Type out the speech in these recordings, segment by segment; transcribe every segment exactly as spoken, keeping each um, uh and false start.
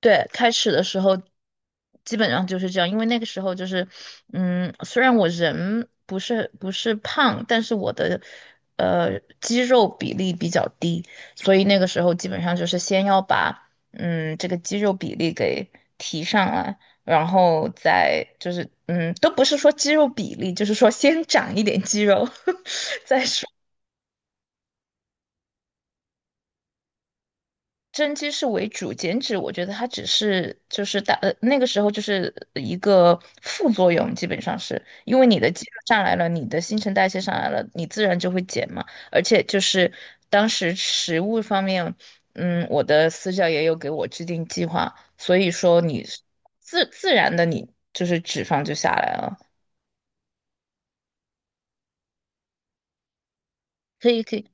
对，开始的时候基本上就是这样。因为那个时候就是，嗯，虽然我人不是不是胖，但是我的呃肌肉比例比较低，所以那个时候基本上就是先要把嗯这个肌肉比例给提上来。然后再就是嗯都不是说肌肉比例，就是说先长一点肌肉，再说。增肌是为主，减脂我觉得它只是就是大呃那个时候就是一个副作用，基本上是因为你的肌肉上来了，你的新陈代谢上来了，你自然就会减嘛。而且就是当时食物方面，嗯，我的私教也有给我制定计划，所以说你自自然的你就是脂肪就下来了。可以可以。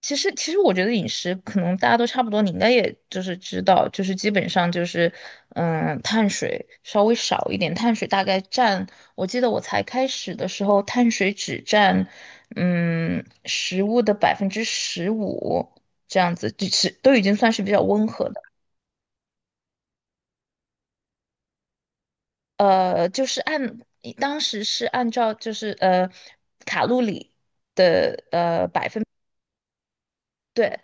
其实，其实我觉得饮食可能大家都差不多，你应该也就是知道，就是基本上就是，嗯，碳水稍微少一点，碳水大概占，我记得我才开始的时候，碳水只占，嗯，食物的百分之十五这样子，就是都已经算是比较温和的。呃，就是按当时是按照就是呃卡路里。对。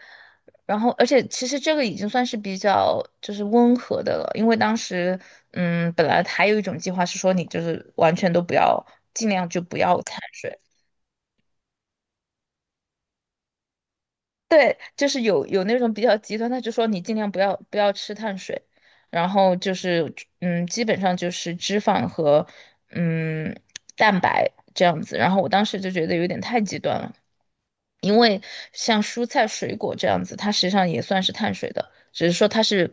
然后，而且其实这个已经算是比较就是温和的了，因为当时，嗯，本来还有一种计划是说你就是完全都不要，尽量就不要碳水。对，就是有有那种比较极端，他就说你尽量不要不要吃碳水，然后就是嗯，基本上就是脂肪和嗯蛋白这样子。然后我当时就觉得有点太极端了，因为像蔬菜水果这样子，它实际上也算是碳水的，只是说它是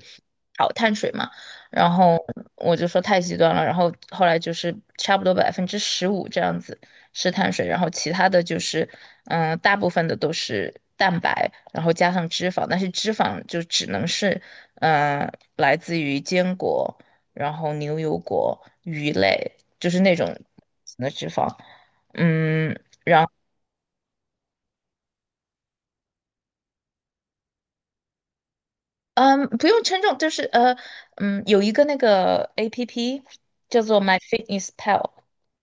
好碳水嘛。然后我就说太极端了，然后后来就是差不多百分之十五这样子。是碳水，然后其他的就是，嗯、大部分的都是蛋白，然后加上脂肪，但是脂肪就只能是，嗯、来自于坚果，然后牛油果、鱼类，就是那种的脂肪。嗯，嗯，不用称重，就是呃，嗯，有一个那个 A P P 叫做 My Fitness Pal。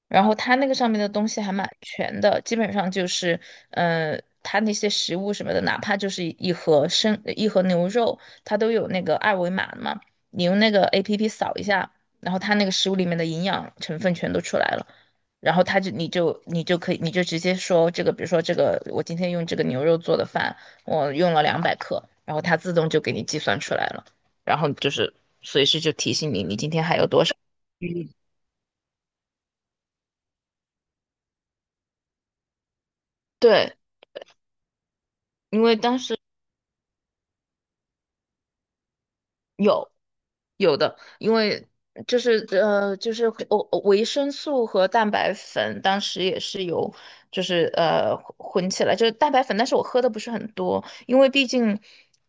然后它那个上面的东西还蛮全的，基本上就是，呃，它那些食物什么的，哪怕就是一盒生一盒牛肉，它都有那个二维码的嘛，你用那个 A P P 扫一下，然后它那个食物里面的营养成分全都出来了。然后它就你就你就可以你就直接说这个，比如说这个我今天用这个牛肉做的饭，我用了两百克，然后它自动就给你计算出来了，然后就是随时就提醒你，你今天还有多少余力。对，因为当时。有有的，因为就是呃就是我维生素和蛋白粉当时也是有就是呃混起来，就是蛋白粉，但是我喝的不是很多，因为毕竟。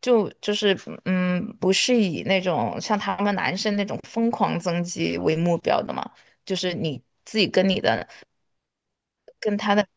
就就是嗯，不是以那种像他们男生那种疯狂增肌为目标的嘛。就是你自己跟你的跟他的。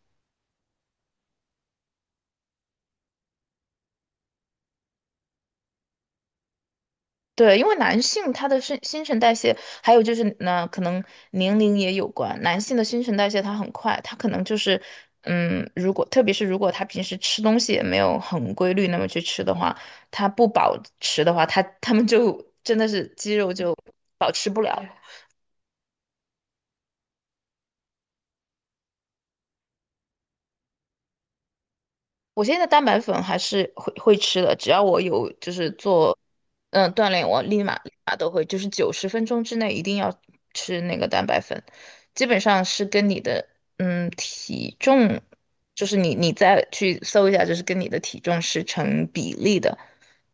对，因为男性他的新新陈代谢，还有就是呢，可能年龄也有关。男性的新陈代谢他很快，他可能就是嗯，如果特别是如果他平时吃东西也没有很规律，那么去吃的话，他不保持的话，他他们就真的是肌肉就保持不了。我现在蛋白粉还是会会吃的，只要我有就是做嗯锻炼，我立马立马都会，就是九十分钟之内一定要吃那个蛋白粉，基本上是跟你的嗯体重，就是你你再去搜一下，就是跟你的体重是成比例的。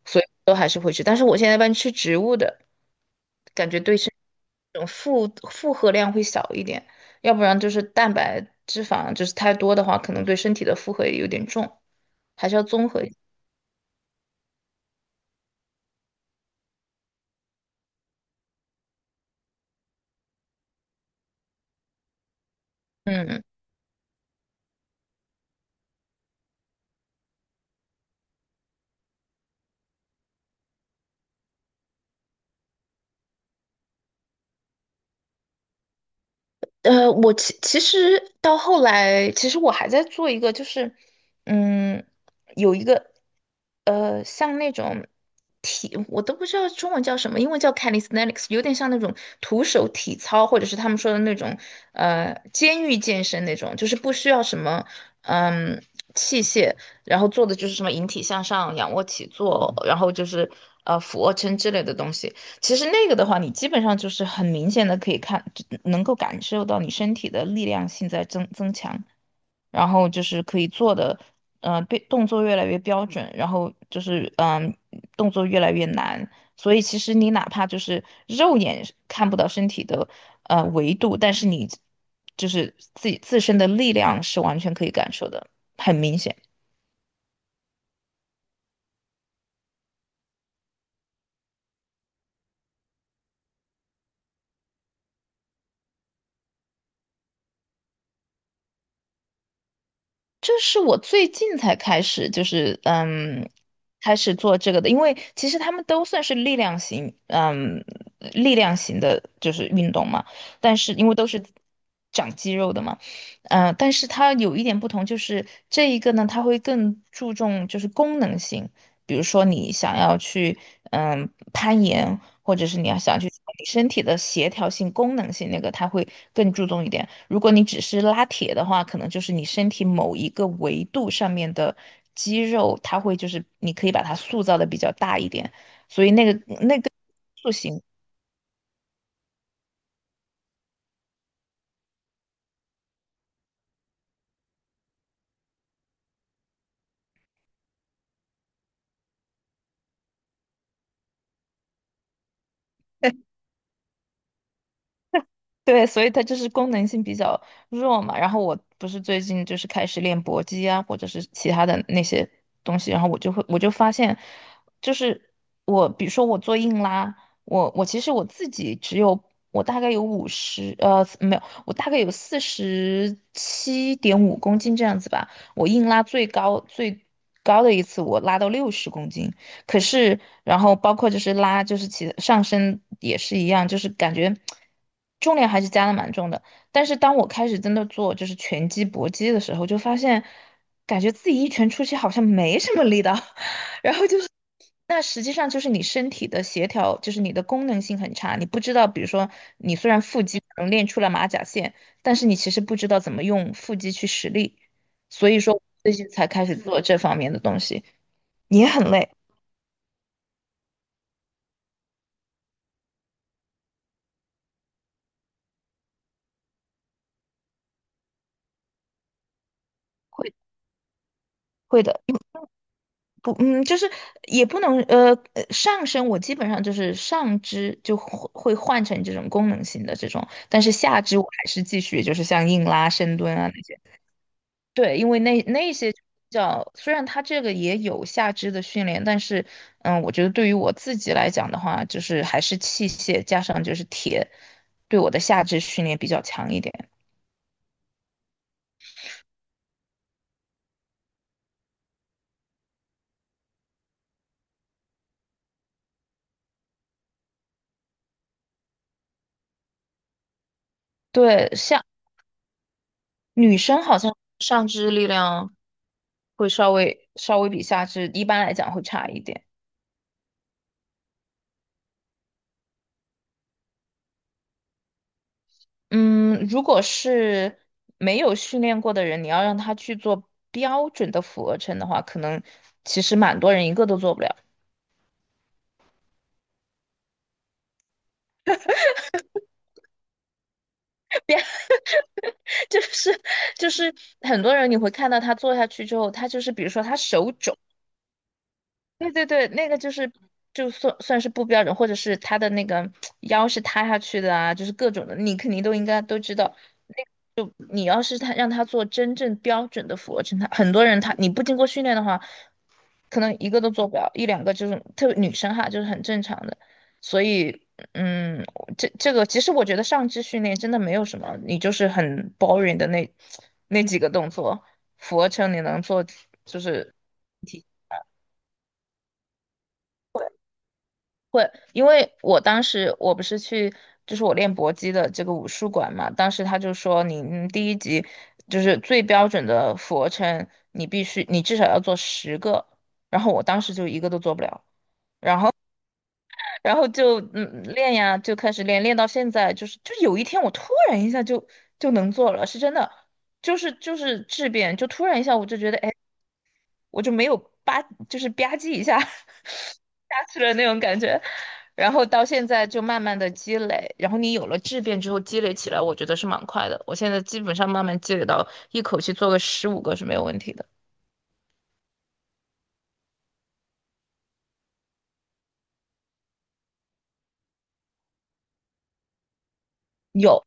所以都还是会吃，但是我现在一般吃植物的，感觉对身这种负负荷量会小一点，要不然就是蛋白。脂肪就是太多的话，可能对身体的负荷也有点重。还是要综合一下。嗯，呃，我其其实到后来，其实我还在做一个，就是嗯，有一个呃，像那种体，我都不知道中文叫什么，英文叫 calisthenics，有点像那种徒手体操，或者是他们说的那种呃监狱健身那种，就是不需要什么嗯器械，然后做的就是什么引体向上、仰卧起坐，然后就是呃俯卧撑之类的东西。其实那个的话，你基本上就是很明显的可以看，就能够感受到你身体的力量性在增增强，然后就是可以做的，呃，对，动作越来越标准，然后就是嗯、动作越来越难。所以其实你哪怕就是肉眼是看不到身体的呃维度，但是你就是自己自身的力量是完全可以感受的，很明显。这是我最近才开始，就是嗯，开始做这个的，因为其实他们都算是力量型。嗯，力量型的就是运动嘛。但是因为都是长肌肉的嘛。嗯、但是它有一点不同，就是这一个呢，它会更注重就是功能性，比如说你想要去嗯攀岩，或者是你要想去做你身体的协调性、功能性那个，它会更注重一点。如果你只是拉铁的话，可能就是你身体某一个维度上面的肌肉，它会就是你可以把它塑造的比较大一点，所以那个那个。塑形。对，所以它就是功能性比较弱嘛。然后我不是最近就是开始练搏击啊，或者是其他的那些东西，然后我就会我就发现，就是我比如说我做硬拉，我我其实我自己只有我大概有五十呃没有，我大概有四十七点五公斤这样子吧。我硬拉最高最高的一次我拉到六十公斤。可是，然后包括就是拉，就是其上身也是一样，就是感觉重量还是加的蛮重的。但是当我开始真的做就是拳击、搏击的时候，就发现感觉自己一拳出去好像没什么力道，然后就是那实际上就是你身体的协调，就是你的功能性很差，你不知道，比如说你虽然腹肌可能练出了马甲线，但是你其实不知道怎么用腹肌去使力，所以说最近才开始做这方面的东西，也很累。会会的，不，嗯，就是也不能，呃，呃上身我基本上就是上肢就会会换成这种功能性的这种，但是下肢我还是继续就是像硬拉、深蹲啊那些。对，因为那那些叫虽然它这个也有下肢的训练，但是，嗯，我觉得对于我自己来讲的话，就是还是器械加上就是铁，对我的下肢训练比较强一点。对，像女生好像上肢力量会稍微稍微比下肢一般来讲会差一点。嗯，如果是没有训练过的人，你要让他去做标准的俯卧撑的话，可能其实蛮多人一个都做不了。就是就是很多人你会看到他做下去之后，他就是比如说他手肿，对对对，那个就是就算算是不标准，或者是他的那个腰是塌下去的啊，就是各种的，你肯定都应该都知道。你要是他让他做真正标准的俯卧撑，他很多人他你不经过训练的话，可能一个都做不了，一两个就是特别女生哈，就是很正常的。所以，嗯，这这个其实我觉得上肢训练真的没有什么，你就是很 boring 的那那几个动作，俯卧撑你能做就是。会，因为我当时我不是去，就是我练搏击的这个武术馆嘛，当时他就说你嗯第一集就是最标准的俯卧撑，你必须你至少要做十个，然后我当时就一个都做不了，然后就嗯练呀，就开始练，练到现在就是就有一天我突然一下就就能做了，是真的，就是就是质变，就突然一下我就觉得哎我就没有吧，就是吧唧一下 下去了那种感觉。然后到现在就慢慢的积累，然后你有了质变之后积累起来，我觉得是蛮快的。我现在基本上慢慢积累到一口气做个十五个是没有问题的。有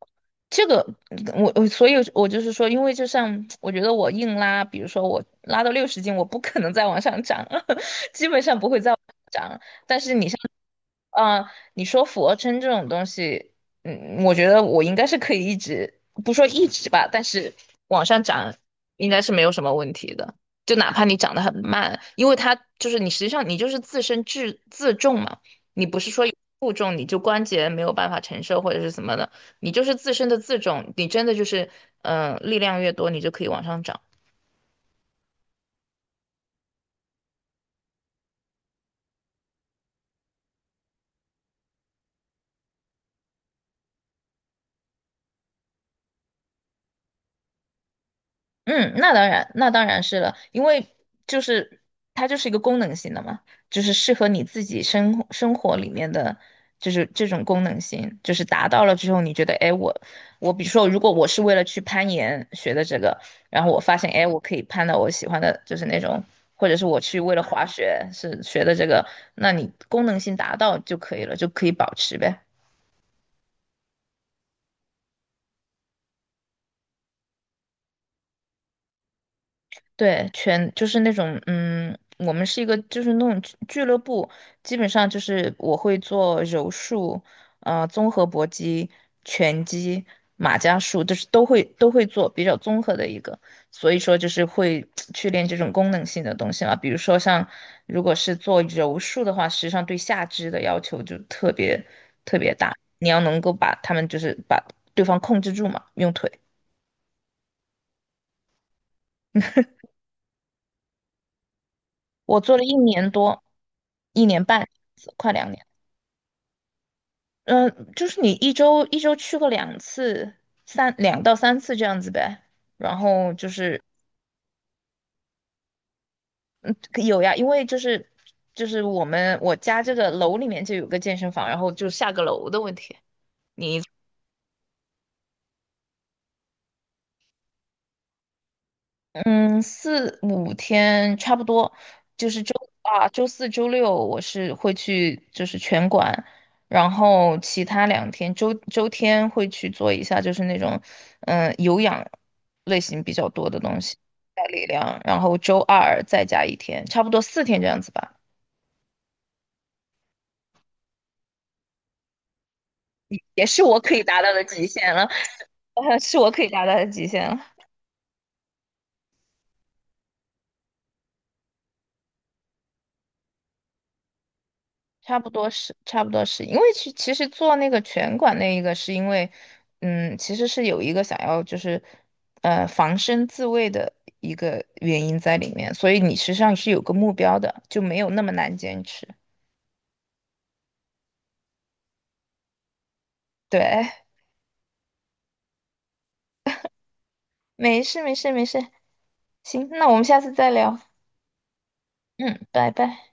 这个，我我所以，我就是说，因为就像我觉得我硬拉，比如说我拉到六十斤，我不可能再往上涨，基本上不会再往上涨但是你像。嗯，你说俯卧撑这种东西，嗯，我觉得我应该是可以一直，不说一直吧，但是往上涨应该是没有什么问题的。就哪怕你长得很慢，因为它就是你实际上你就是自身自自重嘛，你不是说有负重你就关节没有办法承受或者是什么的，你就是自身的自重，你真的就是嗯、呃力量越多，你就可以往上涨。嗯，那当然，那当然是了，因为就是它就是一个功能性的嘛，就是适合你自己生活生活里面的，就是这种功能性，就是达到了之后，你觉得，哎，我我比如说，如果我是为了去攀岩学的这个，然后我发现，哎，我可以攀到我喜欢的，就是那种，或者是我去为了滑雪是学的这个，那你功能性达到就可以了，就可以保持呗。对，全就是那种，嗯，我们是一个就是那种俱俱乐部，基本上就是我会做柔术，呃，综合搏击、拳击、马家术，就是都会都会做，比较综合的一个。所以说就是会去练这种功能性的东西嘛，比如说像如果是做柔术的话，实际上对下肢的要求就特别特别大，你要能够把他们就是把对方控制住嘛，用腿。我做了一年多，一年半，快两年。嗯，就是你一周一周去过两次，三两到三次这样子呗。然后就是有呀，因为就是就是我们我家这个楼里面就有个健身房，然后就下个楼的问题。你。嗯，四五天差不多，就是周啊，周四周六我是会去就是拳馆，然后其他两天周周天会去做一下就是那种嗯、呃有氧类型比较多的东西，带力量，然后周二再加一天，差不多四天这样子吧，也是我可以达到的极限了，是我可以达到的极限了。差不多是，差不多是，因为其其实做那个拳馆那一个，是因为，嗯，其实是有一个想要就是，呃，防身自卫的一个原因在里面，所以你实际上是有个目标的，就没有那么难坚持。对，哎没事没事没事，行，那我们下次再聊，嗯，拜拜。